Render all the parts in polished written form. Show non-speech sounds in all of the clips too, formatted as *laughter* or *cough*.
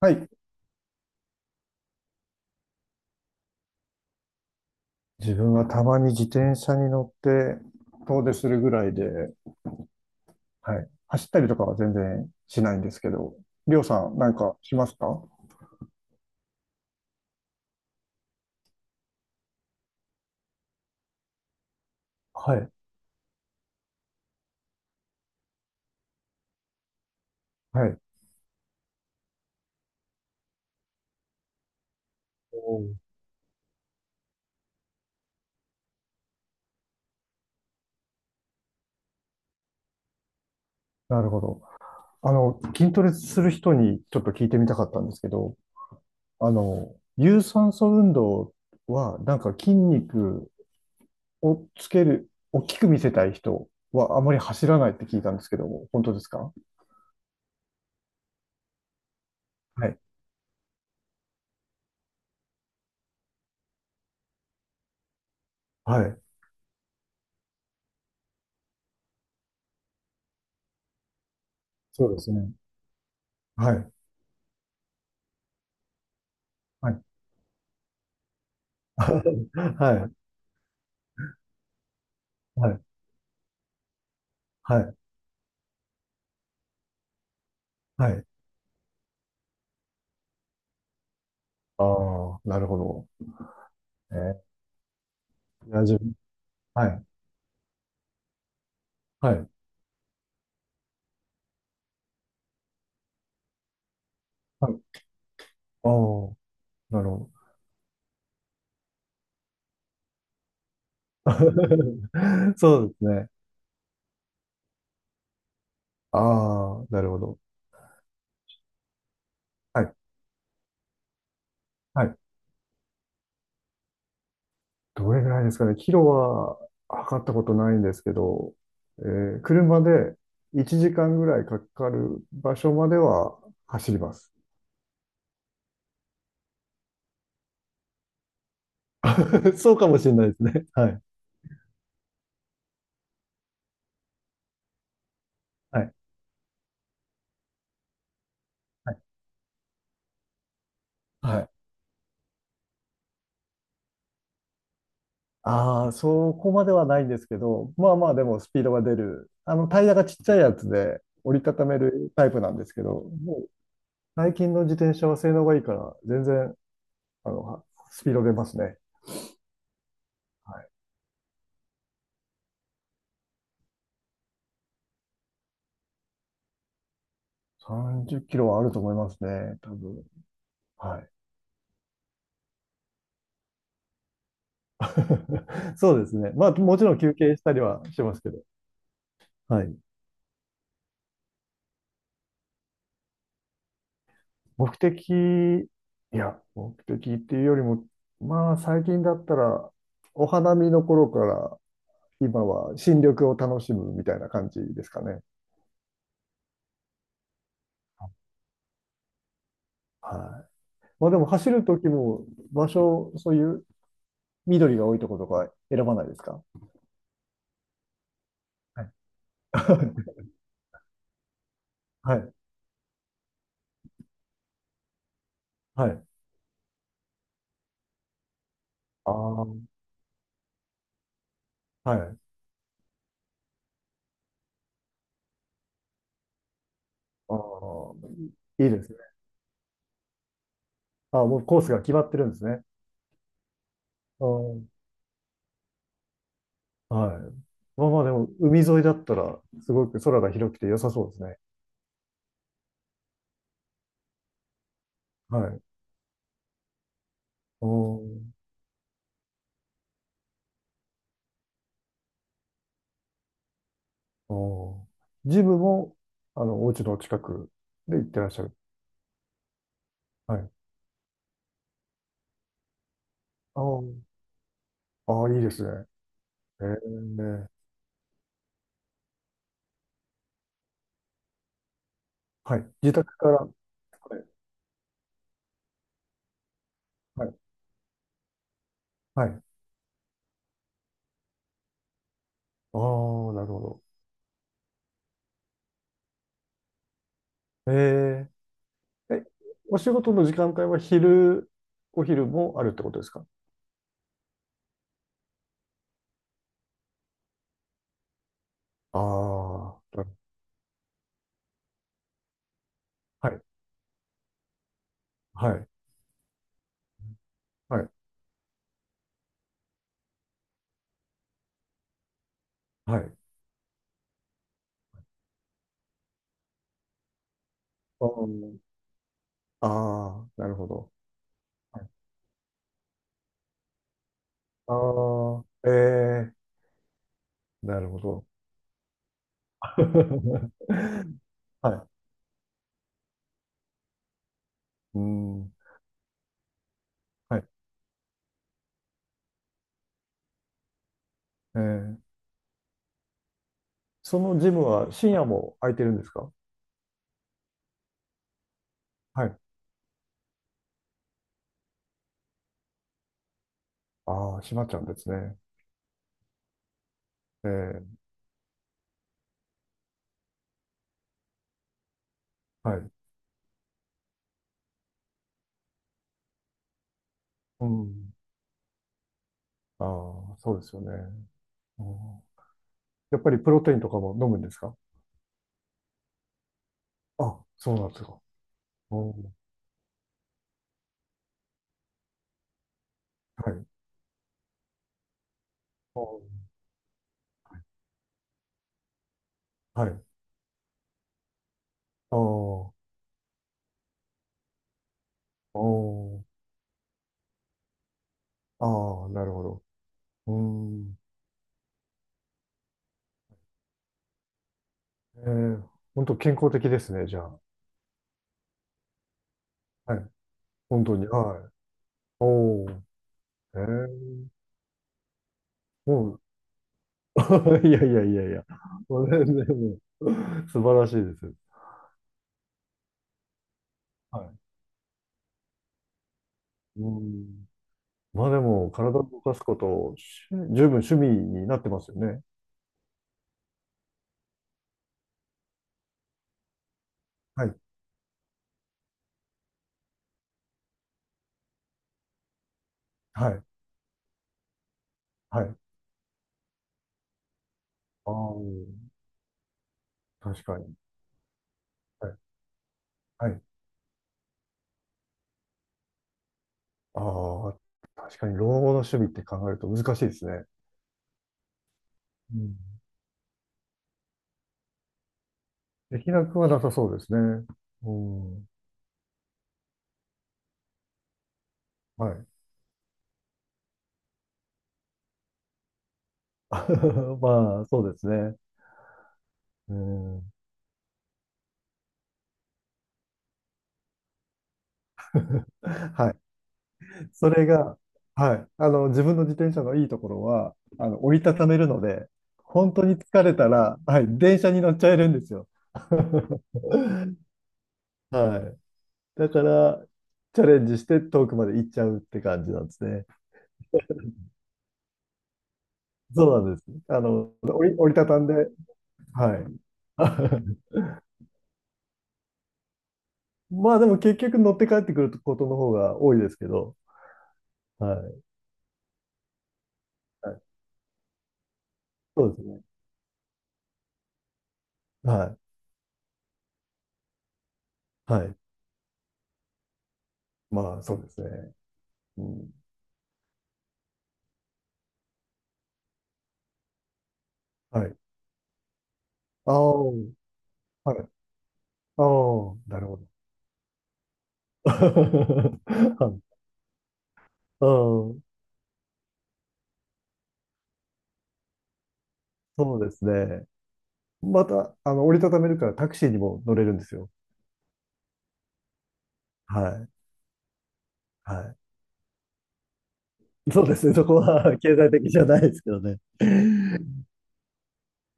はい。自分はたまに自転車に乗って遠出するぐらいで、はい。走ったりとかは全然しないんですけど、りょうさん、なんかしますか？はい。はい。おー、なるほど。筋トレする人にちょっと聞いてみたかったんですけど、有酸素運動は、なんか筋肉をつける、大きく見せたい人はあまり走らないって聞いたんですけども、本当ですか？はい。はい。そうですね。はい。はい。*laughs* はい。はい、はい、はい。ああ、なるほど。えいや、自分、はい、はい、はい。ああ、なるほど。*laughs* そうですね。ああ、なるほど。はい、はい。どれぐらいですかね。キロは測ったことないんですけど、車で1時間ぐらいかかる場所までは走ります。*laughs* そうかもしれないですね。はい、はい、はい。はい。ああ、そこまではないんですけど、まあまあでもスピードが出る。タイヤがちっちゃいやつで折りたためるタイプなんですけど、もう最近の自転車は性能がいいから、全然、あの、はスピード出ますね。はい。30キロはあると思いますね、多分。はい。*laughs* そうですね。まあ、もちろん休憩したりはしますけど。はい。目的、いや、目的っていうよりも、まあ、最近だったら、お花見の頃から、今は新緑を楽しむみたいな感じですかね。はい。まあでも走るときも場所、そういう緑が多いところとか選ばないですか？はい。*laughs* はい。はい。ああ、はい。ああ、いいですね。ああ、もうコースが決まってるんですね。ああ、はい。まあまあでも海沿いだったらすごく空が広くて良さそうですね。はい。おー、おー。ジムも、お家の近くで行ってらっしゃる。はい。ああ、ああ、いいですね。えー、はい。自宅から。はい。はい。はい。ああ、なるほど。ー、え、お仕事の時間帯は昼、お昼もあるってことですか？ああ、はい。はい。はい。はい。あー、あー、なるほど。はい、ああ、なるほど。*laughs* はい。うん。はい。えー、そのジムは深夜も空いてるんですか？はい。ああ、閉まっちゃうんですね。えー、はい。うん。ああ、そうですよね。うん、やっぱりプロテインとかも飲むんですか？あ、そうなんですか。うん。はい。あ、はい。ああ、お、ああ、なるほど。うーん。えー、本当健康的ですね、じゃあ。はい。本当に。はい。おお。えー、もう、*laughs* いやいやいやいや。*laughs* それでも、素晴らしいです。はい。うん。まあでも、体を動かすこと、十分趣味になってますよね。はい。はい。はい。ああ、確かに。はい。はい。ああ、確かに老後の趣味って考えると難しいですね。うん。できなくはなさそうですね。うん。はい。*laughs* まあ、そうですね。うん。*laughs* はい。それが、はい。自分の自転車のいいところは、折りたためるので、本当に疲れたら、はい、電車に乗っちゃえるんですよ。*laughs* はい。だから、チャレンジして遠くまで行っちゃうって感じなんですね。そうなんです。折りたたんで、はい。*laughs* まあでも結局乗って帰ってくることの方が多いですけど、はい。はい。そうですね。はい。はい。まあそうですね。うん。はい。ああ、はい。ああ、なるほど。*laughs* はい。うん。そうですね。また、折りたためるからタクシーにも乗れるんですよ。はい。はい。そうですね。そこは *laughs* 経済的じゃないですけどね。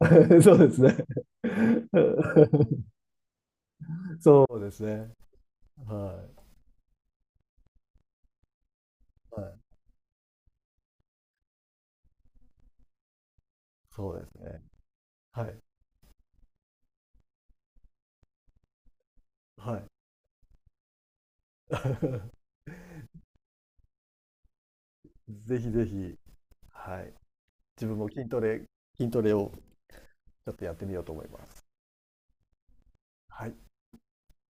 *laughs* そうですね。*laughs* そうですね。はい。はい。そうですね。はい。*laughs* はい。*laughs* ぜひぜひ、はい。自分も筋トレをちょっとやってみようと思います。はい。